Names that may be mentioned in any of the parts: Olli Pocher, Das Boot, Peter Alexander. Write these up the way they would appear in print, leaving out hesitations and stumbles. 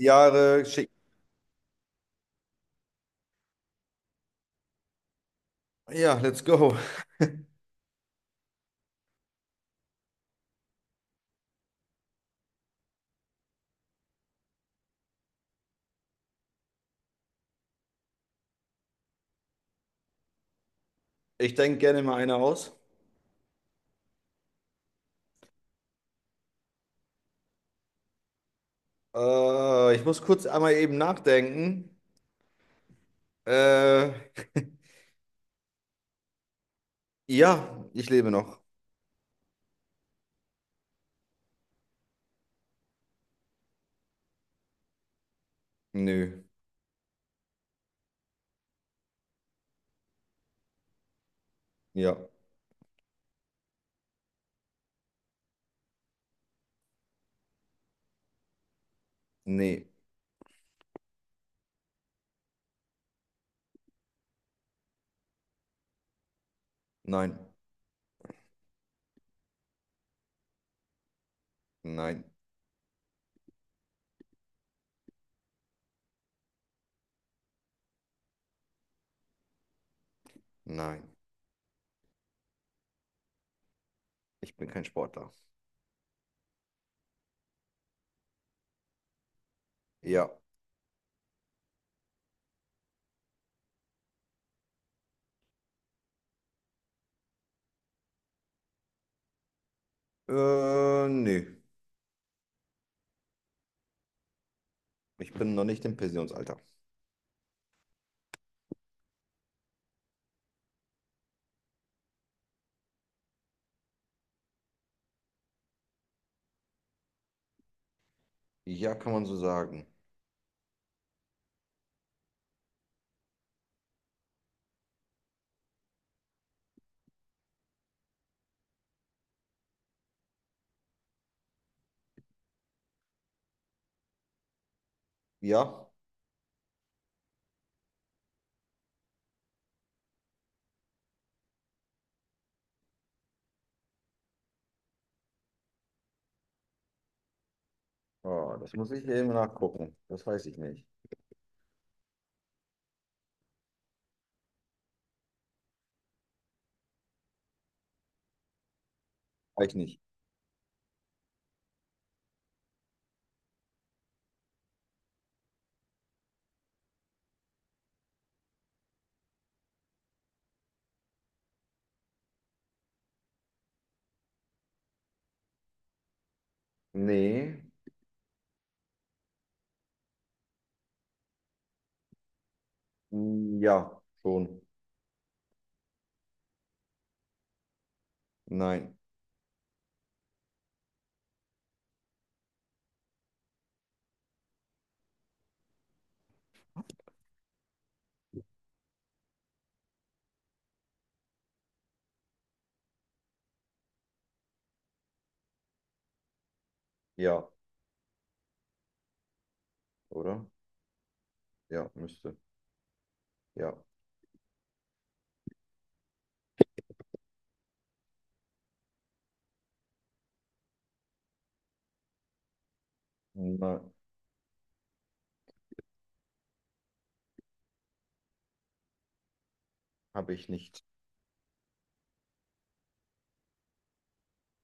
Jahre schick. Ja, let's go. Ich denke gerne mal eine aus. Ich muss kurz einmal eben nachdenken. Äh, ja, ich lebe noch. Nö. Ja. Nee. Nein. Nein. Nein. Ich bin kein Sportler. Ja. Nö. Ich bin noch nicht im Pensionsalter. Ja, kann man so sagen. Ja. Oh, das muss ich eben nachgucken. Das weiß ich nicht. Weiß ich nicht. Nee. Ja. Schon. Nein. Ja. Oder? Ja, müsste. Ja. Nein, habe ich nicht.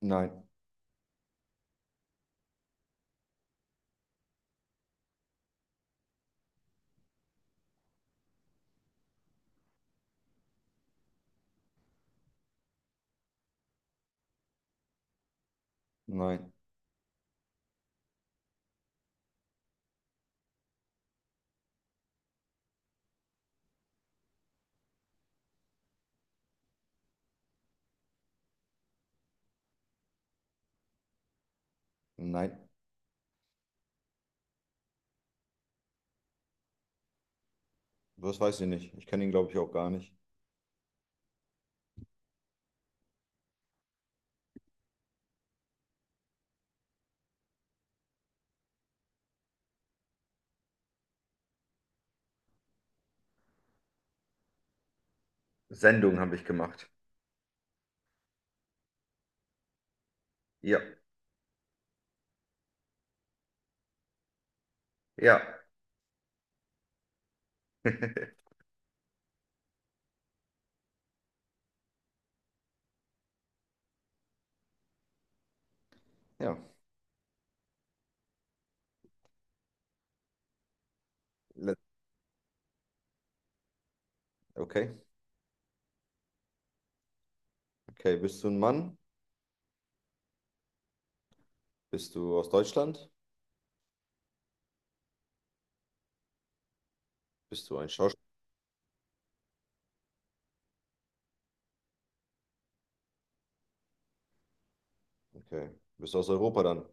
Nein, nein, nein. Das weiß ich nicht. Ich kenne ihn, glaube ich, auch gar nicht. Sendung habe ich gemacht. Ja, ja. Ja, le- okay. Okay, bist du ein Mann? Bist du aus Deutschland? Bist du ein Schauspieler? Okay. Bist du aus Europa dann?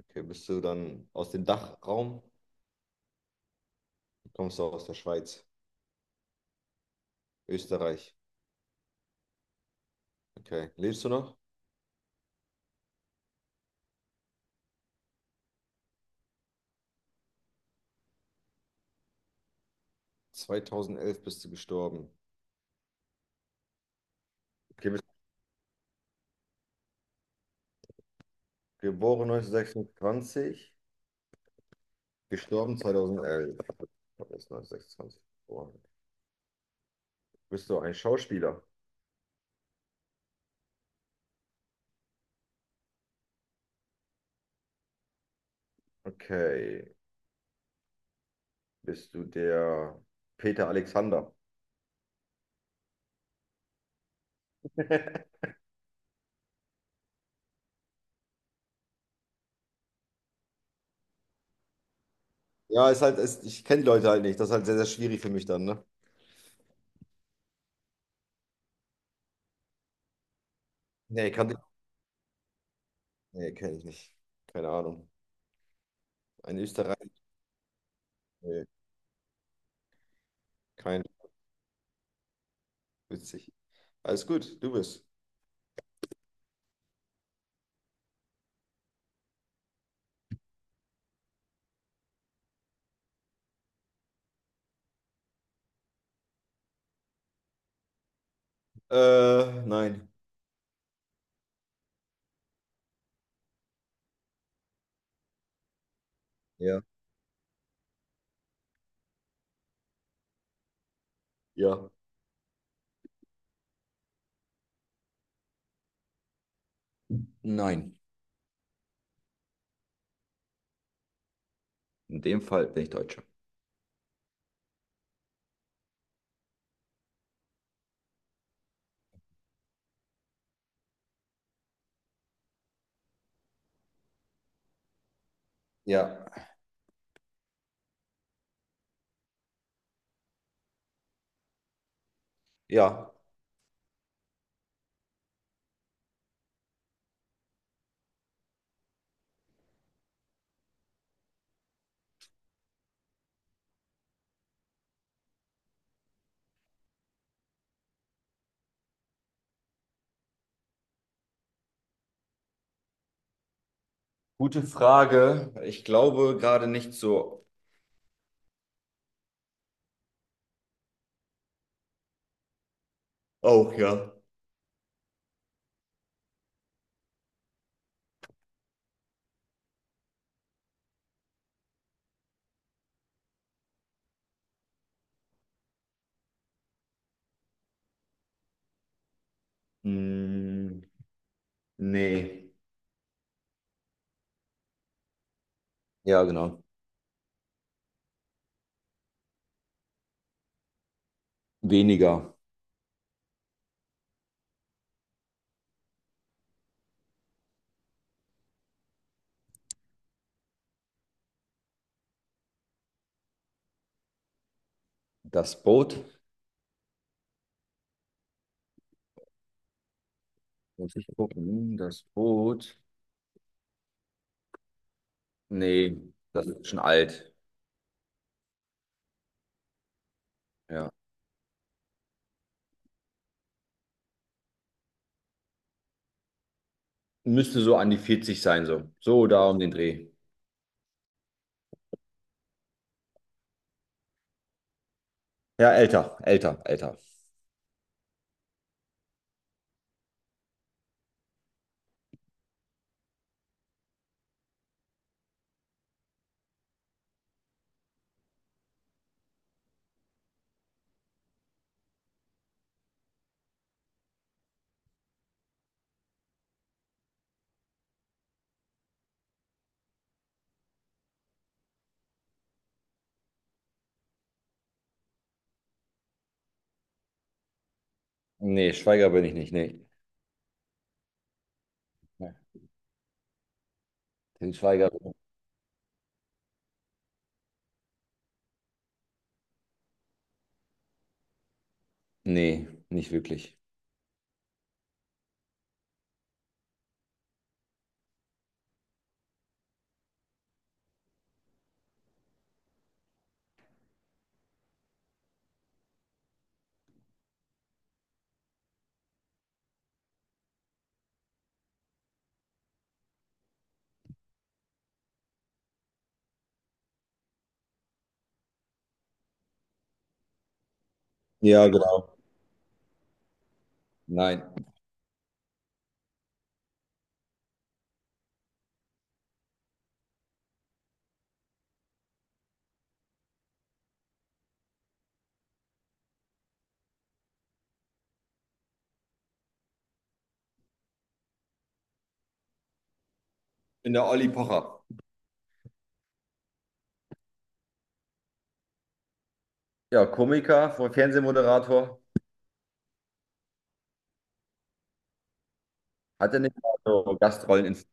Okay, bist du dann aus dem Dachraum? Kommst du aus der Schweiz? Österreich? Okay. Lebst du noch? 2011 bist du gestorben. Okay, bist du geboren 1926? Gestorben 2011. Das ist 1926 geboren. Bist du ein Schauspieler? Okay. Bist du der Peter Alexander? Ja, ist halt, ist, ich kenne die Leute halt nicht. Das ist halt sehr, sehr schwierig für mich dann, ne? Nee, kann ich. Nee, kenne ich nicht. Keine Ahnung. Ein Österreicher? Nee, kein. Witzig. Alles gut, du bist. Nein. Ja. Ja. Nein. In dem Fall bin ich Deutscher. Ja. Ja. Gute Frage. Ich glaube gerade nicht so. Auch, ja. Hm, nee. Ja, genau. Weniger Das Boot. Muss ich gucken. Hm, Das Boot. Nee, das ist schon alt. Ja. Müsste so an die 40 sein, so. So da um den Dreh. Ja, älter, älter, älter. Nee, Schweiger bin ich nicht. Nee. Ja. Den Schweiger. Nee, nicht wirklich. Ja, genau. Nein. Ich bin der Olli Pocher. Ja, Komiker, Fernsehmoderator. Hatte nicht mal so Gastrollen in